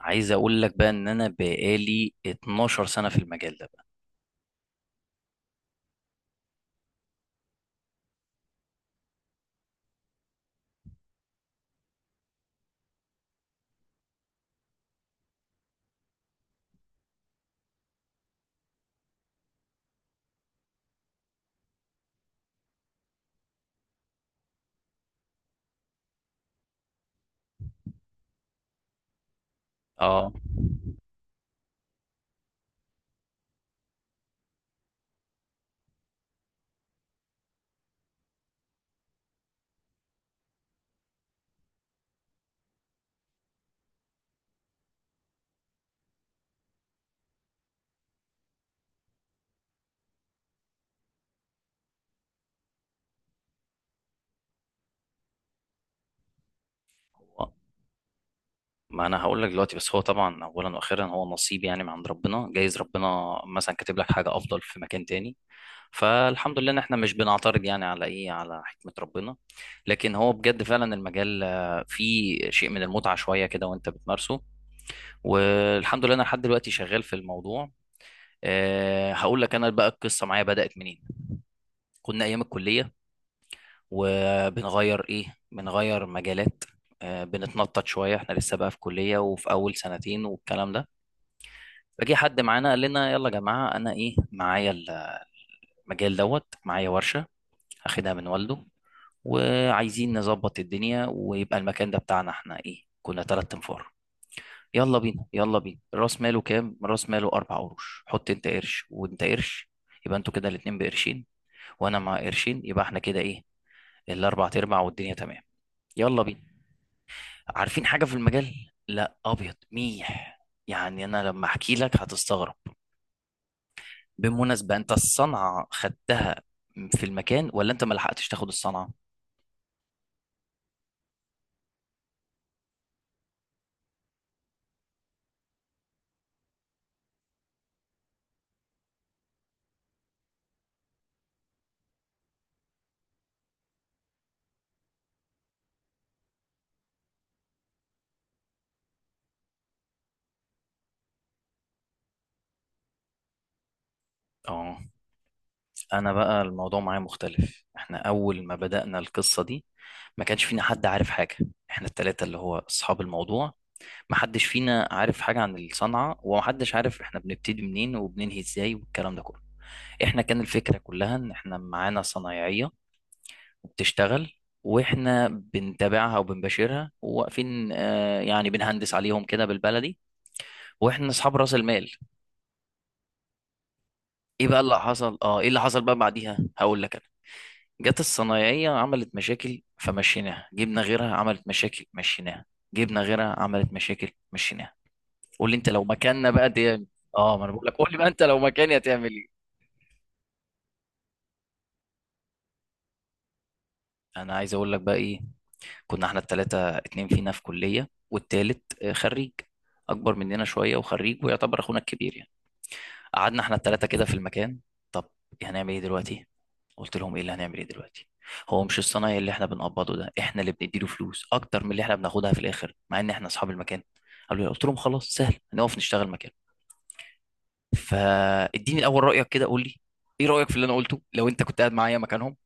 عايز اقول لك بقى ان انا بقالي 12 سنة في المجال ده بقى. اه هو- ما انا هقول لك دلوقتي، بس هو طبعا اولا واخيرا هو نصيب، يعني من عند ربنا، جايز ربنا مثلا كاتب لك حاجة افضل في مكان تاني. فالحمد لله ان احنا مش بنعترض يعني على ايه، على حكمة ربنا. لكن هو بجد فعلا المجال فيه شيء من المتعة شوية كده وانت بتمارسه. والحمد لله انا لحد دلوقتي شغال في الموضوع. هقول لك انا بقى القصة معايا بدأت منين. كنا ايام الكلية وبنغير ايه، بنغير مجالات. بنتنطط شويه، احنا لسه بقى في كليه وفي اول سنتين والكلام ده. فجي حد معانا قال لنا يلا يا جماعه، انا ايه معايا المجال دوت، معايا ورشه اخدها من والده وعايزين نظبط الدنيا ويبقى المكان ده بتاعنا. احنا ايه، كنا تلات انفار. يلا بينا يلا بينا، راس ماله كام؟ راس ماله اربع قروش. حط انت قرش وانت قرش، يبقى انتوا كده الاتنين بقرشين، وانا مع قرشين، يبقى احنا كده ايه، الاربع تربع والدنيا تمام. يلا بينا. عارفين حاجة في المجال؟ لا، أبيض ميح. يعني أنا لما أحكي لك هتستغرب. بالمناسبة، أنت الصنعة خدتها في المكان، ولا أنت ما لحقتش تاخد الصنعة؟ آه. أنا بقى الموضوع معايا مختلف. إحنا أول ما بدأنا القصة دي ما كانش فينا حد عارف حاجة. إحنا التلاتة اللي هو أصحاب الموضوع، ما حدش فينا عارف حاجة عن الصنعة، وما حدش عارف إحنا بنبتدي منين وبننهي إزاي والكلام ده كله. إحنا كان الفكرة كلها إن إحنا معانا صنايعية بتشتغل، واحنا بنتابعها وبنباشرها وواقفين، آه يعني بنهندس عليهم كده بالبلدي، واحنا اصحاب راس المال. ايه بقى اللي حصل، ايه اللي حصل بعديها هقول لك انا. جت الصنايعيه عملت مشاكل فمشيناها، جبنا غيرها عملت مشاكل مشيناها، جبنا غيرها عملت مشاكل مشيناها. قول لي انت لو مكاننا بقى دي. اه، ما انا بقول لك، قول لي بقى انت لو مكاني هتعمل ايه. انا عايز اقول لك بقى ايه. كنا احنا التلاتة، اتنين فينا في كلية والتالت خريج، أكبر مننا شوية وخريج ويعتبر أخونا الكبير يعني. قعدنا احنا التلاتة كده في المكان. طب هنعمل ايه دلوقتي؟ قلت لهم ايه اللي هنعمل ايه دلوقتي؟ هو مش الصنايعي اللي احنا بنقبضه ده احنا اللي بنديله فلوس أكتر من اللي احنا بناخدها في الآخر، مع إن احنا أصحاب المكان. قالوا لي، قلت لهم خلاص سهل، هنقف نشتغل مكان. فاديني الأول رأيك كده، قول لي ايه رأيك في اللي أنا قلته لو أنت كنت قاعد معايا مكانهم.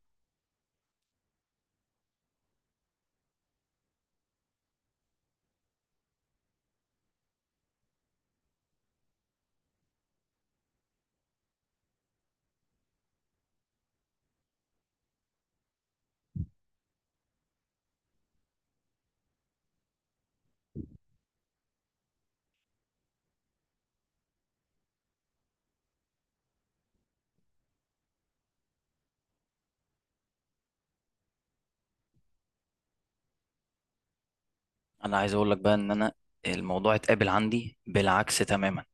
أنا عايز أقول لك بقى إن الموضوع اتقابل عندي بالعكس تماما.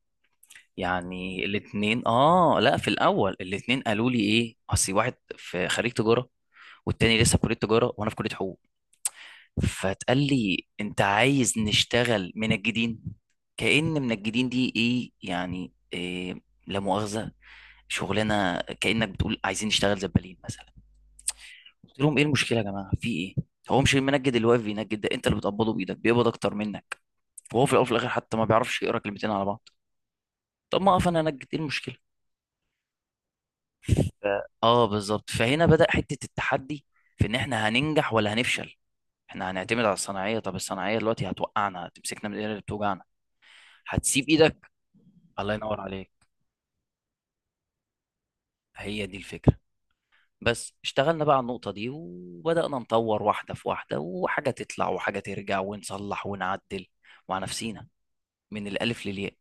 يعني الاتنين، اه لا في الاول الاتنين قالوا لي ايه، اصل واحد في خريج تجاره والتاني لسه في كليه تجاره وانا في كليه حقوق. فتقال لي انت عايز نشتغل منجدين، كأن منجدين دي ايه يعني إيه، لا مؤاخذه، شغلانه، كأنك بتقول عايزين نشتغل زبالين مثلا. قلت لهم ايه المشكله يا جماعه في ايه؟ هو مش المنجد اللي واقف بينجد ده انت اللي بتقبضه بايدك بيقبض اكتر منك؟ وهو في الاول وفي الاخر حتى ما بيعرفش يقرا كلمتين على بعض. طب ما اقف انا انجد، ايه المشكله؟ ف- اه بالظبط. فهنا بدأ حتة التحدي في ان احنا هننجح ولا هنفشل. احنا هنعتمد على الصناعية، طب الصناعية دلوقتي هتوقعنا، هتمسكنا من الايد اللي بتوجعنا هتسيب ايدك. الله ينور عليك، هي دي الفكرة. بس اشتغلنا بقى على النقطة دي، وبدأنا نطور واحدة في واحدة وحاجة تطلع وحاجة ترجع ونصلح ونعدل مع نفسينا من الألف للياء.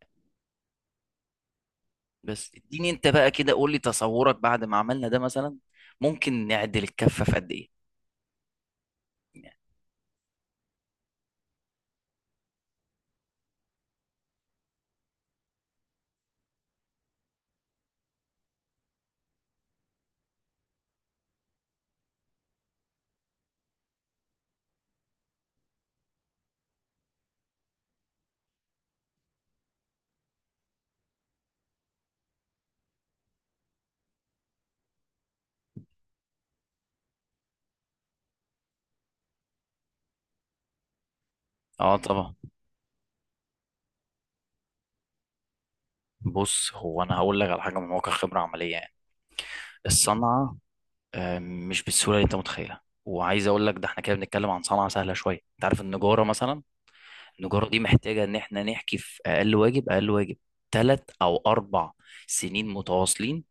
بس اديني انت بقى كده، قول لي تصورك بعد ما عملنا ده مثلا ممكن نعدل الكفة في قد ايه. اه طبعا. بص هو انا هقول لك على حاجه من واقع خبره عمليه يعني. الصنعه مش بالسهوله اللي انت متخيلها. وعايز اقول لك ده احنا كده بنتكلم عن صنعه سهله شويه. انت عارف النجاره مثلا، النجاره دي محتاجه ان احنا نحكي في اقل واجب، اقل واجب ثلاث او اربع سنين متواصلين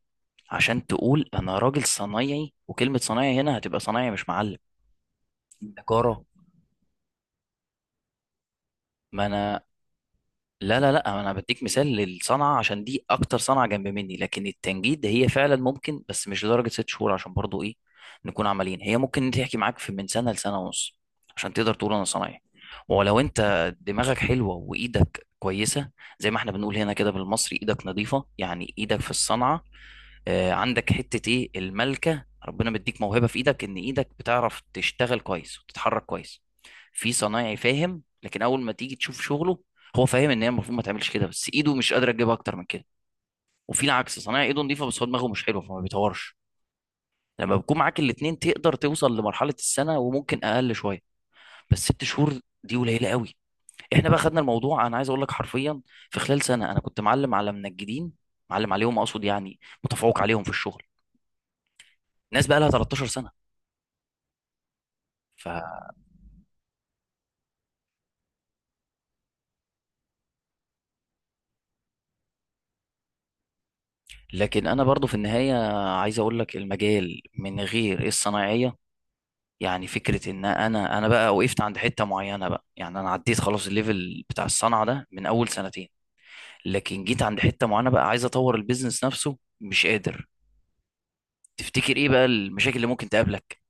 عشان تقول انا راجل صنايعي. وكلمه صنايعي هنا هتبقى صنايعي مش معلم. النجاره ما انا لا لا لا انا بديك مثال للصنعه عشان دي اكتر صنعه جنب مني، لكن التنجيد هي فعلا ممكن، بس مش لدرجه ست شهور. عشان برضو ايه، نكون عمليين، هي ممكن تحكي معاك في من سنه لسنه ونص عشان تقدر تقول انا صنايعي، ولو انت دماغك حلوه وايدك كويسه، زي ما احنا بنقول هنا كده بالمصري، ايدك نظيفه، يعني ايدك في الصنعه، عندك حتة ايه، الملكة، ربنا مديك موهبة في ايدك ان ايدك بتعرف تشتغل كويس وتتحرك كويس. في صنايعي فاهم، لكن اول ما تيجي تشوف شغله هو فاهم ان هي المفروض ما تعملش كده، بس ايده مش قادرة تجيبها اكتر من كده. وفي العكس صنايعي ايده نظيفة بس هو دماغه مش حلوة فما بيطورش. لما بيكون معاك الاتنين تقدر توصل لمرحلة السنة، وممكن اقل شوية، بس ست شهور دي قليلة قوي. احنا بقى خدنا الموضوع، انا عايز اقول لك حرفيا، في خلال سنة انا كنت معلم على منجدين. معلم عليهم اقصد يعني متفوق عليهم في الشغل، ناس بقى لها 13 سنه. ف... لكن انا برضو في النهايه عايز اقول لك، المجال من غير الصنايعيه، يعني فكره ان انا بقى وقفت عند حته معينه بقى، يعني انا عديت خلاص الليفل بتاع الصنعه ده من اول سنتين، لكن جيت عند حته معينه بقى عايز اطور البيزنس نفسه مش قادر. تفتكر ايه بقى المشاكل اللي ممكن تقابلك؟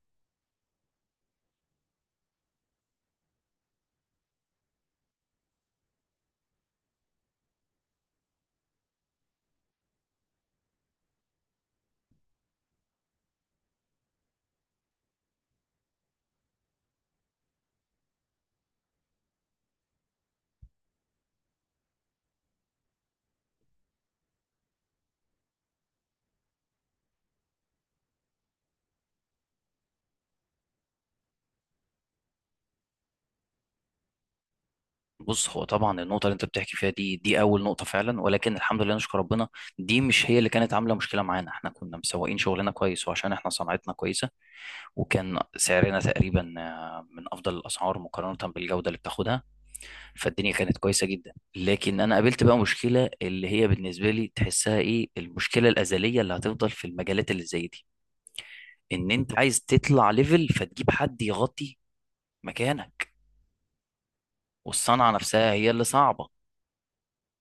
بص، هو طبعا النقطه اللي انت بتحكي فيها دي اول نقطه فعلا، ولكن الحمد لله، نشكر ربنا، دي مش هي اللي كانت عامله مشكله معانا. احنا كنا مسوقين شغلنا كويس وعشان احنا صناعتنا كويسه، وكان سعرنا تقريبا، من افضل الاسعار مقارنه بالجوده اللي بتاخدها. فالدنيا كانت كويسه جدا. لكن انا قابلت بقى مشكله اللي هي بالنسبه لي تحسها ايه، المشكله الازليه اللي هتفضل في المجالات اللي زي دي، ان انت عايز تطلع ليفل، فتجيب حد يغطي مكانك. والصنعه نفسها هي اللي صعبه،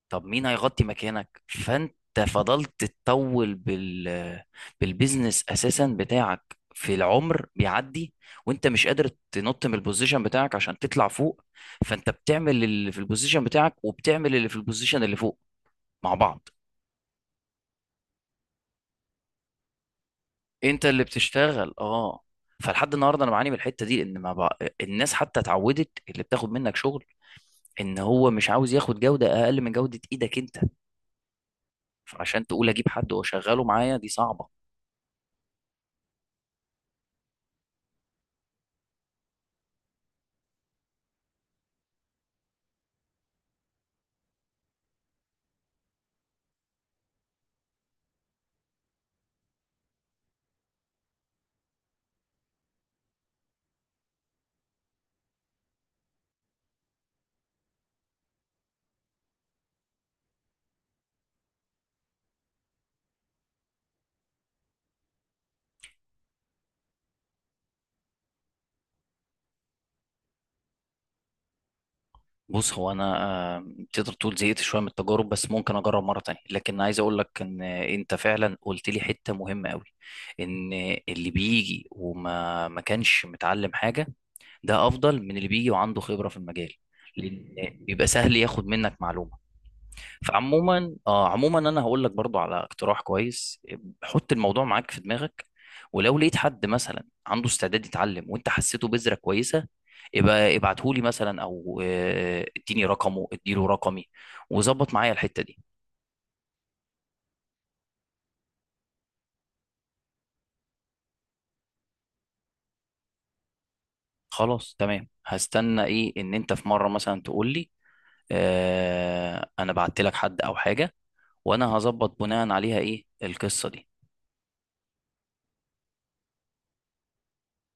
طب مين هيغطي مكانك؟ فانت فضلت تطول بالبيزنس اساسا بتاعك، في العمر بيعدي وانت مش قادر تنط من البوزيشن بتاعك عشان تطلع فوق، فانت بتعمل اللي في البوزيشن بتاعك وبتعمل اللي في البوزيشن اللي فوق مع بعض. انت اللي بتشتغل، اه. فلحد النهارده انا بعاني من الحته دي، ان ما بق... الناس حتى اتعودت، اللي بتاخد منك شغل ان هو مش عاوز ياخد جوده اقل من جوده ايدك انت. فعشان تقول اجيب حد واشغله معايا دي صعبه. بص هو انا آه، تقدر تقول زهقت شويه من التجارب، بس ممكن اجرب مره تانية. لكن عايز اقول لك ان انت فعلا قلت لي حته مهمه قوي، ان اللي بيجي وما ما كانش متعلم حاجه، ده افضل من اللي بيجي وعنده خبره في المجال، لان بيبقى سهل ياخد منك معلومه. فعموما، اه عموما انا هقول لك برضو على اقتراح كويس، حط الموضوع معاك في دماغك، ولو لقيت حد مثلا عنده استعداد يتعلم وانت حسيته بذرة كويسة، يبقى ابعته لي مثلا، او اديني رقمه اديله رقمي وظبط معايا الحتة دي. خلاص تمام، هستنى ايه، ان انت في مرة مثلا تقول لي، انا بعت لك حد او حاجة، وانا هظبط بناء عليها ايه القصة دي.